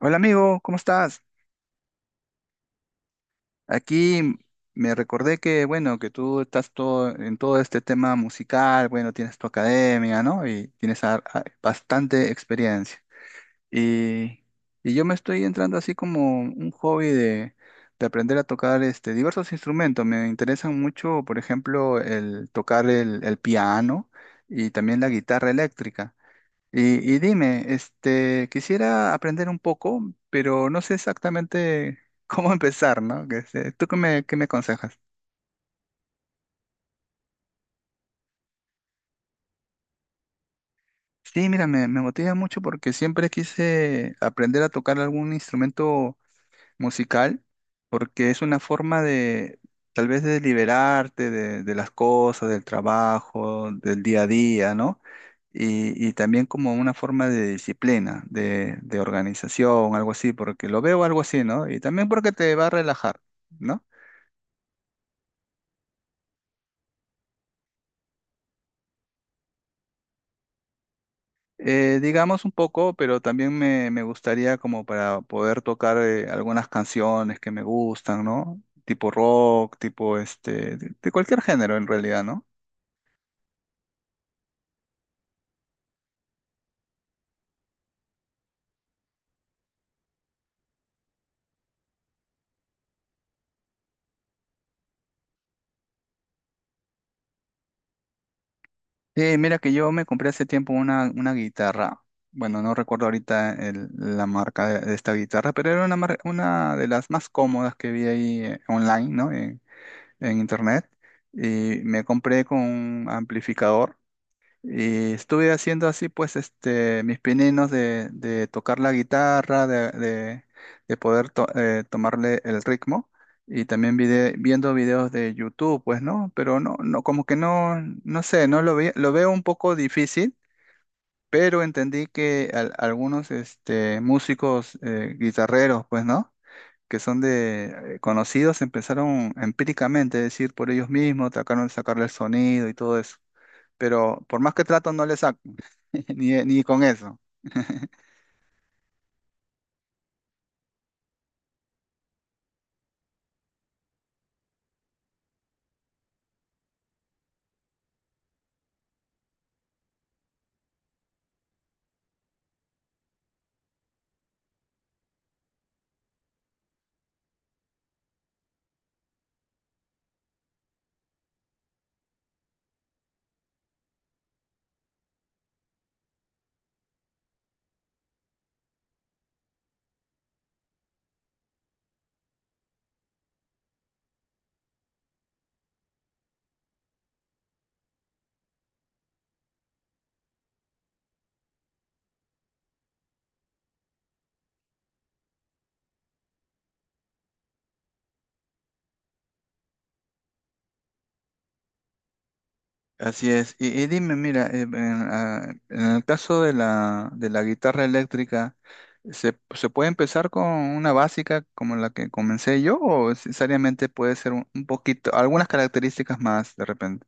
Hola amigo, ¿cómo estás? Aquí me recordé que, bueno, que tú estás todo, en todo este tema musical, bueno, tienes tu academia, ¿no? Y tienes bastante experiencia. Y, y yo me estoy entrando así como un hobby de aprender a tocar este, diversos instrumentos. Me interesan mucho, por ejemplo, el tocar el piano y también la guitarra eléctrica. Y dime, este, quisiera aprender un poco, pero no sé exactamente cómo empezar, ¿no? ¿Tú qué me aconsejas? Sí, mira, me motiva mucho porque siempre quise aprender a tocar algún instrumento musical, porque es una forma de, tal vez, de liberarte de las cosas, del trabajo, del día a día, ¿no? Y también como una forma de disciplina, de organización, algo así, porque lo veo algo así, ¿no? Y también porque te va a relajar, ¿no? Digamos un poco, pero también me gustaría como para poder tocar algunas canciones que me gustan, ¿no? Tipo rock, tipo este, de cualquier género en realidad, ¿no? Sí, mira que yo me compré hace tiempo una guitarra. Bueno, no recuerdo ahorita la marca de esta guitarra, pero era una, una de las más cómodas que vi ahí online, ¿no? En internet. Y me compré con un amplificador. Y estuve haciendo así, pues, este, mis pininos de tocar la guitarra, de poder tomarle el ritmo. Y también viendo videos de YouTube, pues, ¿no? Pero no, no, como que no, no sé, no lo ve- lo veo un poco difícil, pero entendí que algunos, este, músicos, guitarreros, pues, ¿no? Que son de conocidos, empezaron empíricamente, es decir, por ellos mismos, trataron de sacarle el sonido y todo eso, pero por más que trato no le saco. Ni, ni con eso. Así es. Y dime, mira, en el caso de la guitarra eléctrica, ¿se, se puede empezar con una básica como la que comencé yo o necesariamente puede ser un poquito, algunas características más de repente?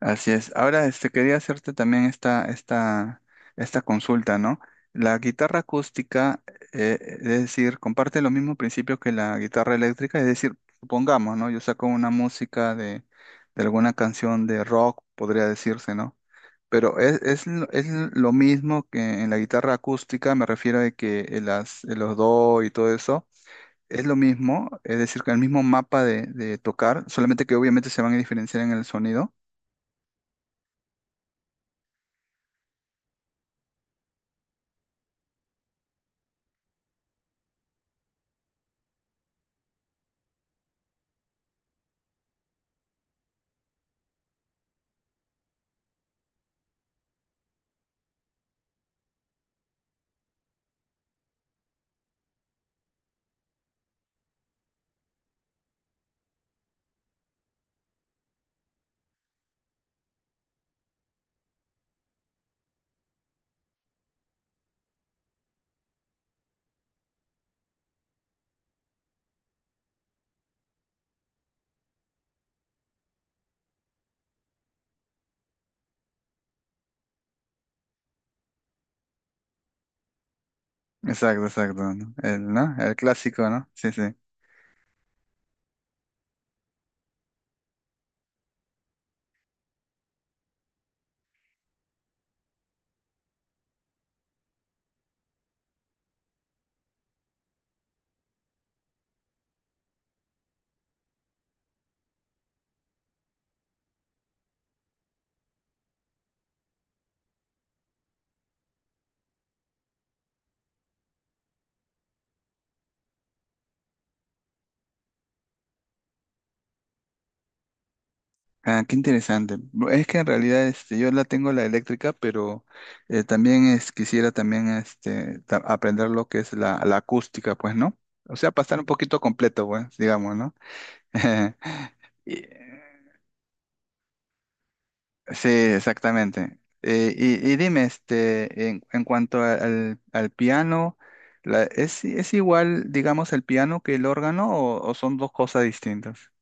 Así es. Ahora, este, quería hacerte también esta consulta, ¿no? La guitarra acústica, es decir, comparte los mismos principios que la guitarra eléctrica, es decir, supongamos, ¿no? Yo saco una música de alguna canción de rock, podría decirse, ¿no? Pero es lo mismo que en la guitarra acústica, me refiero a que las, los do y todo eso. Es lo mismo, es decir, que el mismo mapa de tocar, solamente que obviamente se van a diferenciar en el sonido. Exacto, exacto, ¿no? El, ¿no? El clásico, ¿no? Sí, sí. Ah, qué interesante. Es que en realidad este, yo la tengo la eléctrica, pero quisiera también este, aprender lo que es la, la acústica, pues, ¿no? O sea, para estar un poquito completo, pues, digamos, ¿no? Y- sí, exactamente. Y dime, este, en cuanto al, al piano, es igual, digamos, el piano que el órgano o son dos cosas distintas?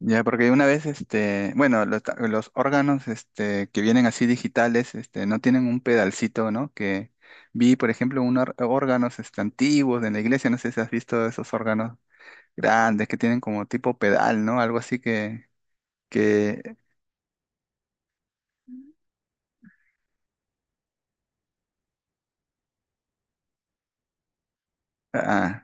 Ya, porque una vez, este, bueno, los, los órganos, este, que vienen así digitales, este, no tienen un pedalcito, ¿no? Que vi, por ejemplo, unos órganos, este, antiguos de la iglesia, no sé si has visto esos órganos grandes que tienen como tipo pedal, ¿no? Algo así que, ah.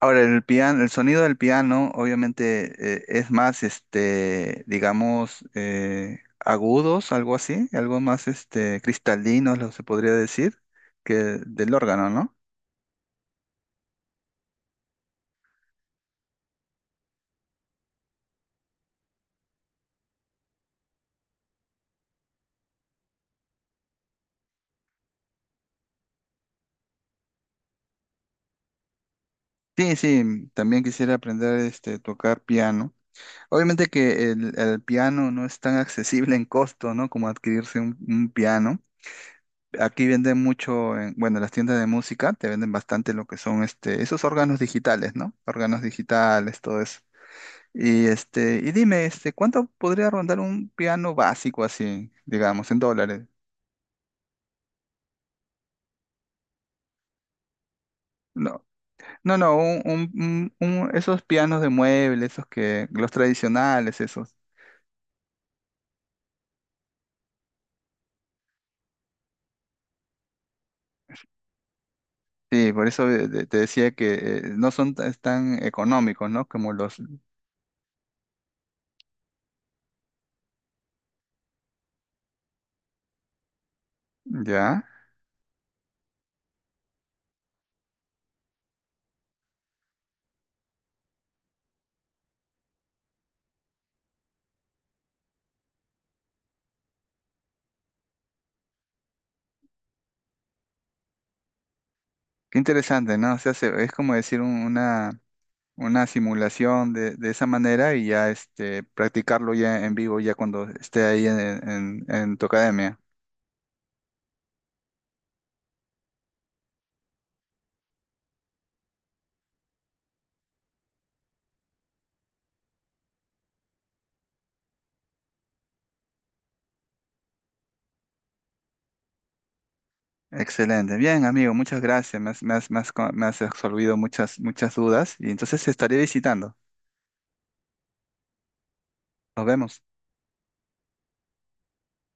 Ahora, el piano, el sonido del piano, obviamente, es más, este, digamos, agudos, algo así, algo más, este, cristalinos, lo se podría decir, que del órgano, ¿no? Sí, sí, mm, también quisiera aprender este tocar piano. Obviamente que el piano no es tan accesible en costo, ¿no? Como adquirirse un piano. Aquí venden mucho, en, bueno, las tiendas de música te venden bastante lo que son este, esos órganos digitales, ¿no? Órganos digitales, todo eso. Y dime, este, ¿cuánto podría rondar un piano básico así, digamos, en dólares? No, no, un, un- esos pianos de mueble, esos que, los tradicionales, esos. Sí, por eso te decía que no son tan económicos, ¿no? Como los… Ya. Qué interesante, ¿no? O sea, es como decir una simulación de esa manera y ya este, practicarlo ya en vivo, ya cuando esté ahí en, en tu academia. Excelente. Bien, amigo, muchas gracias. Me has absolvido muchas, muchas dudas y entonces estaré visitando. Nos vemos.